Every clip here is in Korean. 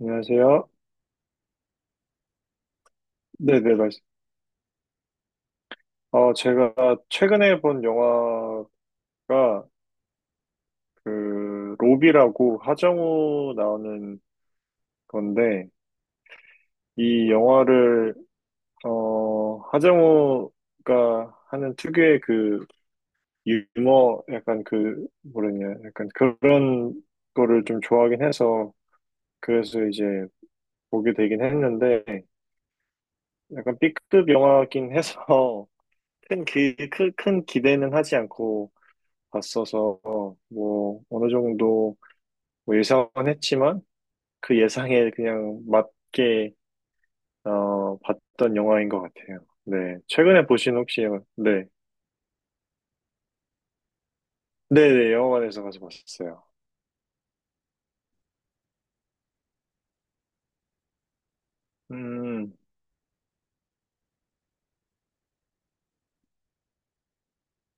안녕하세요. 네네, 말씀. 제가 최근에 본 영화가 그, 로비라고 하정우 나오는 건데, 이 영화를, 하정우가 하는 특유의 그, 유머, 약간 그, 뭐랬냐, 약간 그런 거를 좀 좋아하긴 해서, 그래서 이제 보게 되긴 했는데, 약간 B급 영화긴 해서, 큰 기대는 하지 않고, 봤어서 뭐 어느 정도 뭐 예상은 했지만 그 예상에 그냥 맞게 봤던 영화인 것 같아요. 네, 최근에 보신 혹시 네, 네, 네, 영화관에서 가서 봤었어요. 음,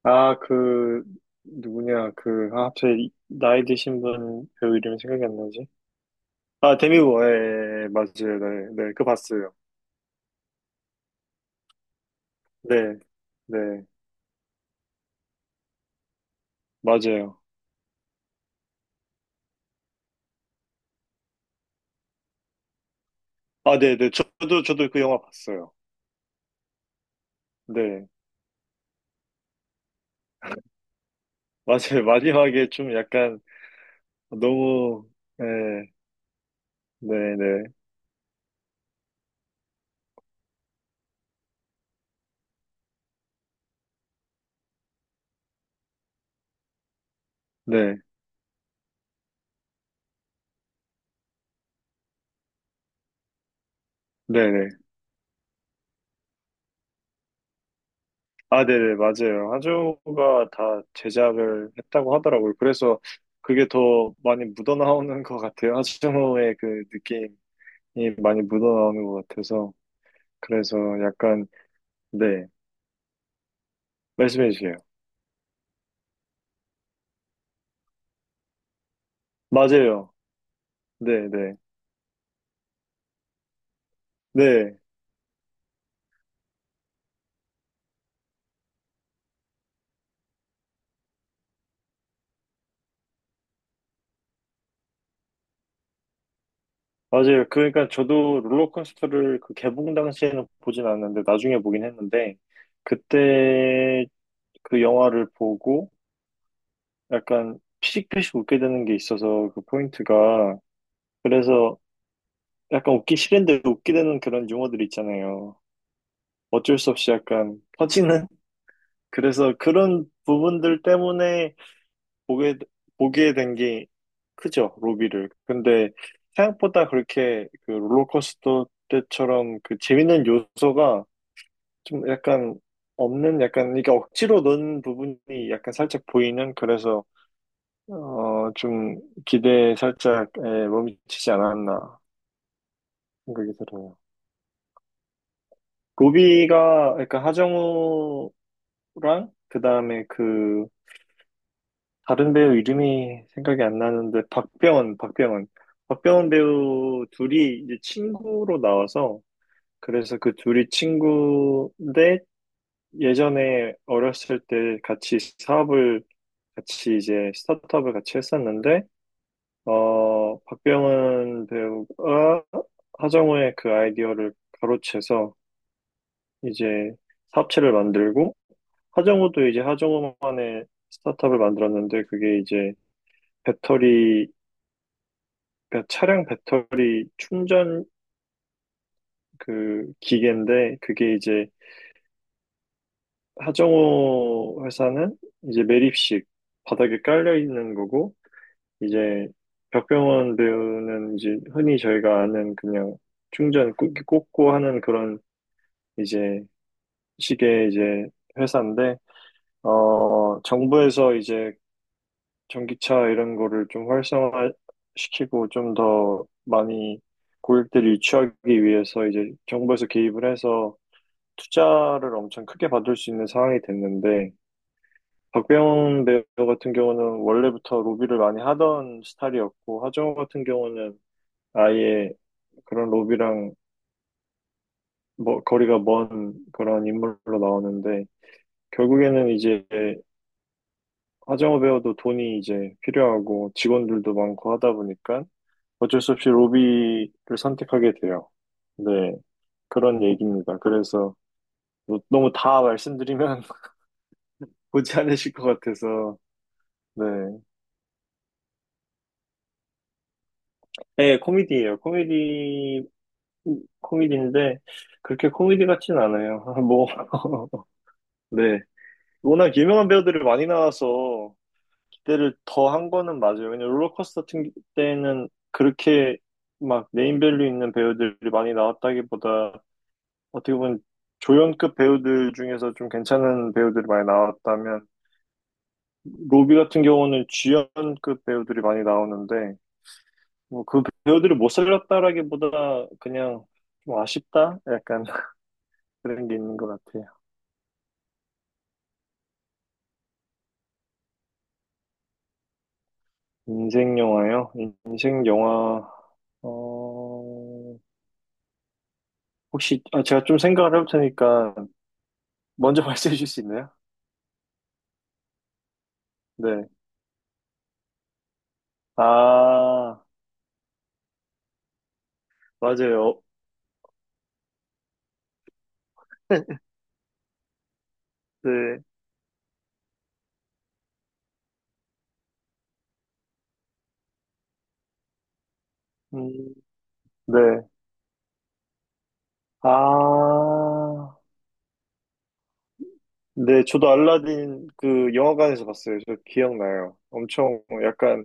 아, 그 누구냐 그 아, 갑자기 나이 드신 분 배우 이름이 생각이 안 나지? 아, 데미 모어, 예, 예, 맞아요, 네, 네, 그 봤어요. 네, 네, 맞아요. 아, 네, 네, 저도 그 영화 봤어요. 네. 맞아요. 마지막에 좀 약간 너무, 네, 네네, 네, 네네. 아, 네네, 맞아요. 하조가 다 제작을 했다고 하더라고요. 그래서 그게 더 많이 묻어나오는 것 같아요. 하조의 그 느낌이 많이 묻어나오는 것 같아서. 그래서 약간, 네, 말씀해 주세요. 맞아요. 네네, 네. 네. 맞아요. 그러니까 저도 롤러코스터를 그 개봉 당시에는 보진 않았는데, 나중에 보긴 했는데, 그때 그 영화를 보고 약간 피식피식 웃게 되는 게 있어서 그 포인트가 그래서 약간 웃기 싫은데 웃게 되는 그런 유머들 있잖아요. 어쩔 수 없이 약간 터지는 그래서 그런 부분들 때문에 보게 보게 된 게 크죠 로비를. 근데 생각보다 그렇게 그 롤러코스터 때처럼 그 재밌는 요소가 좀 약간 없는 약간 이게 억지로 넣은 부분이 약간 살짝 보이는 그래서 좀 기대에 살짝 예, 몸치지 않았나 생각이 들어요. 로비가 그러니까 하정우랑 그다음에 그 다른 배우 이름이 생각이 안 나는데 박병원. 박병원 배우 둘이 이제 친구로 나와서 그래서 그 둘이 친구인데 예전에 어렸을 때 같이 이제 스타트업을 같이 했었는데 박병은 배우가 하정우의 그 아이디어를 가로채서 이제 사업체를 만들고 하정우도 이제 하정우만의 스타트업을 만들었는데 그게 이제 배터리 그러니까 차량 배터리 충전 그 기계인데 그게 이제 하정우 회사는 이제 매립식 바닥에 깔려 있는 거고 이제 박병원 배우는 이제 흔히 저희가 아는 그냥 꽂고 하는 그런 이제 시계 이제 회사인데 어 정부에서 이제 전기차 이런 거를 좀 활성화시키고 좀 더 많이 고객들이 유치하기 위해서 이제 정부에서 개입을 해서 투자를 엄청 크게 받을 수 있는 상황이 됐는데 박병 배우 같은 경우는 원래부터 로비를 많이 하던 스타일이었고 하정우 같은 경우는 아예 그런 로비랑 뭐 거리가 먼 그런 인물로 나오는데 결국에는 이제 화정어 배우도 돈이 이제 필요하고 직원들도 많고 하다 보니까 어쩔 수 없이 로비를 선택하게 돼요. 네, 그런 얘기입니다. 그래서 뭐 너무 다 말씀드리면 보지 않으실 것 같아서 네, 네, 코미디예요. 코미디 코미디인데 그렇게 코미디 같진 않아요. 뭐 네, 워낙 유명한 배우들이 많이 나와서 때를 더 한 거는 맞아요. 왜냐 롤러코스터 같은 때는 그렇게 막 네임밸류 있는 배우들이 많이 나왔다기보다 어떻게 보면 조연급 배우들 중에서 좀 괜찮은 배우들이 많이 나왔다면 로비 같은 경우는 주연급 배우들이 많이 나오는데 뭐 그 배우들을 못 살렸다라기보다 그냥 좀 아쉽다? 약간 그런 게 있는 것 같아요. 인생 영화요? 인생 영화 어... 혹시 아, 제가 좀 생각을 해볼 테니까 먼저 말씀해 주실 수 있나요? 네. 아, 맞아요. 네. 음, 네. 아, 네. 저도 알라딘 그 영화관에서 봤어요. 저 기억나요. 엄청 약간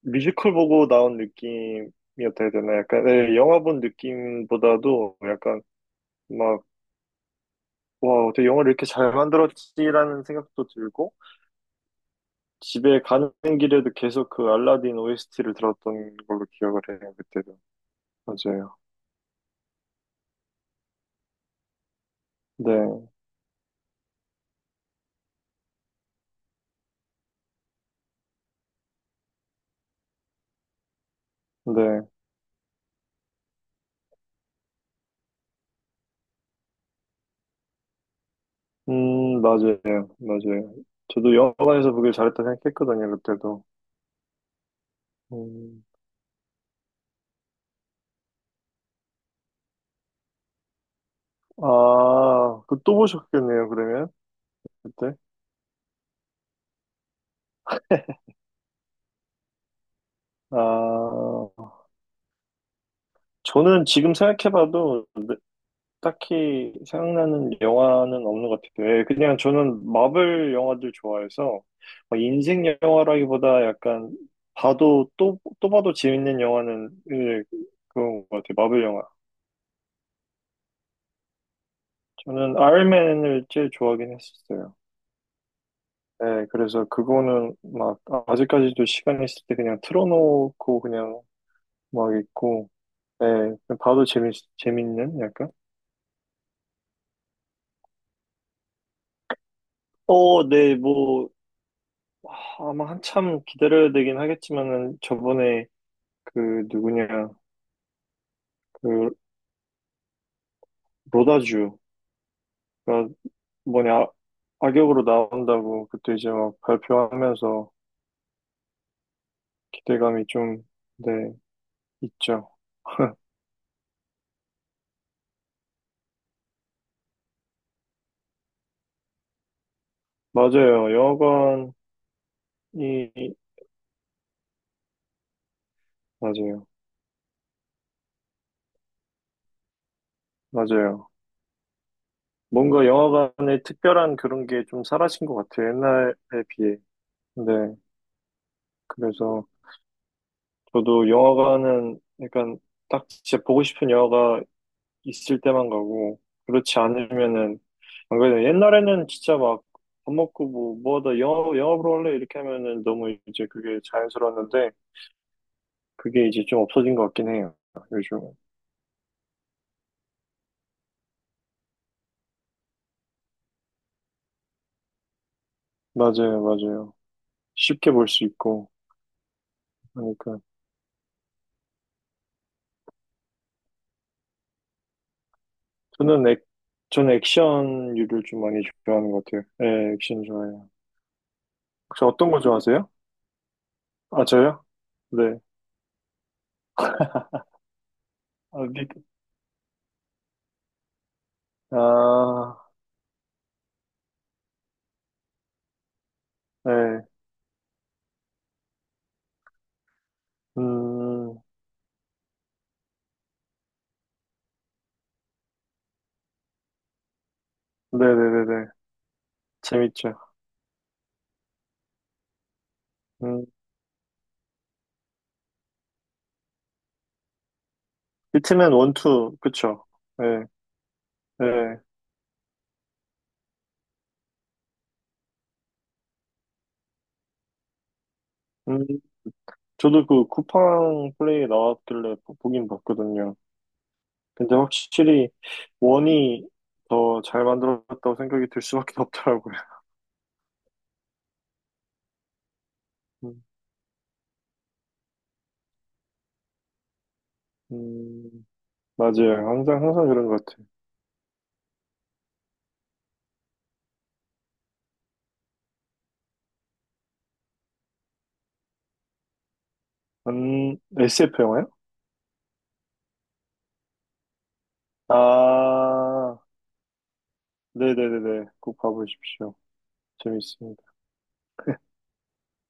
뮤지컬 보고 나온 느낌이었다 해야 되나? 약간, 네, 영화 본 느낌보다도 약간 막, 와, 어떻게 영화를 이렇게 잘 만들었지라는 생각도 들고, 집에 가는 길에도 계속 그 알라딘 OST를 들었던 걸로 기억을 해요, 그때도. 맞아요. 네, 네. 맞아요. 맞아요. 저도 영화관에서 보길 잘했다 생각했거든요, 그때도. 음, 아, 그 또 보셨겠네요, 그러면? 그때? 아, 저는 지금 생각해봐도 네- 딱히 생각나는 영화는 없는 것 같아요. 예, 그냥 저는 마블 영화들 좋아해서 막 인생 영화라기보다 약간 또 봐도 재밌는 영화는 예, 그런 것 같아요. 마블 영화. 저는 아이언맨을 제일 좋아하긴 했었어요. 네, 그래서 그거는 막 아직까지도 시간 있을 때 그냥 틀어놓고 그냥 막 있고, 네, 그냥 봐도 재밌는 약간? 네, 뭐, 하, 아마 한참 기다려야 되긴 하겠지만은 저번에 그 누구냐, 그 로다주가 뭐냐, 악역으로 나온다고 그때 이제 막 발표하면서 기대감이 좀, 네, 있죠. 맞아요. 영화관이, 맞아요. 맞아요. 뭔가 영화관의 특별한 그런 게 좀 사라진 것 같아요. 옛날에 비해. 네. 그래서 저도 영화관은 약간 딱 진짜 보고 싶은 영화가 있을 때만 가고, 그렇지 않으면은, 안 그래도 옛날에는 진짜 막 밥 먹고 뭐, 뭐 하다 영화, 영화 보러 갈래? 이렇게 하면은 너무 이제 그게 자연스러웠는데, 그게 이제 좀 없어진 것 같긴 해요. 요즘. 맞아요, 맞아요. 쉽게 볼 수 있고 하니까. 저는 액, 저는 액션류를 좀 많이 좋아하는 것 같아요. 네, 액션 좋아해요. 혹시 어떤 거 좋아하세요? 아, 저요? 네. 아, 리, 아, 네. 음, 네네네네. 재밌죠. 음, 히트맨 원투, 그쵸? 네, 네. 음, 저도 그 쿠팡 플레이 나왔길래 보긴 봤거든요. 근데 확실히 원이 더 잘 만들었다고 생각이 들 수밖에 없더라고요. 음, 음, 맞아요. 항상 그런 것 같아요. SF 영화요? 아, 네네네네. 꼭 봐보십시오. 재밌습니다.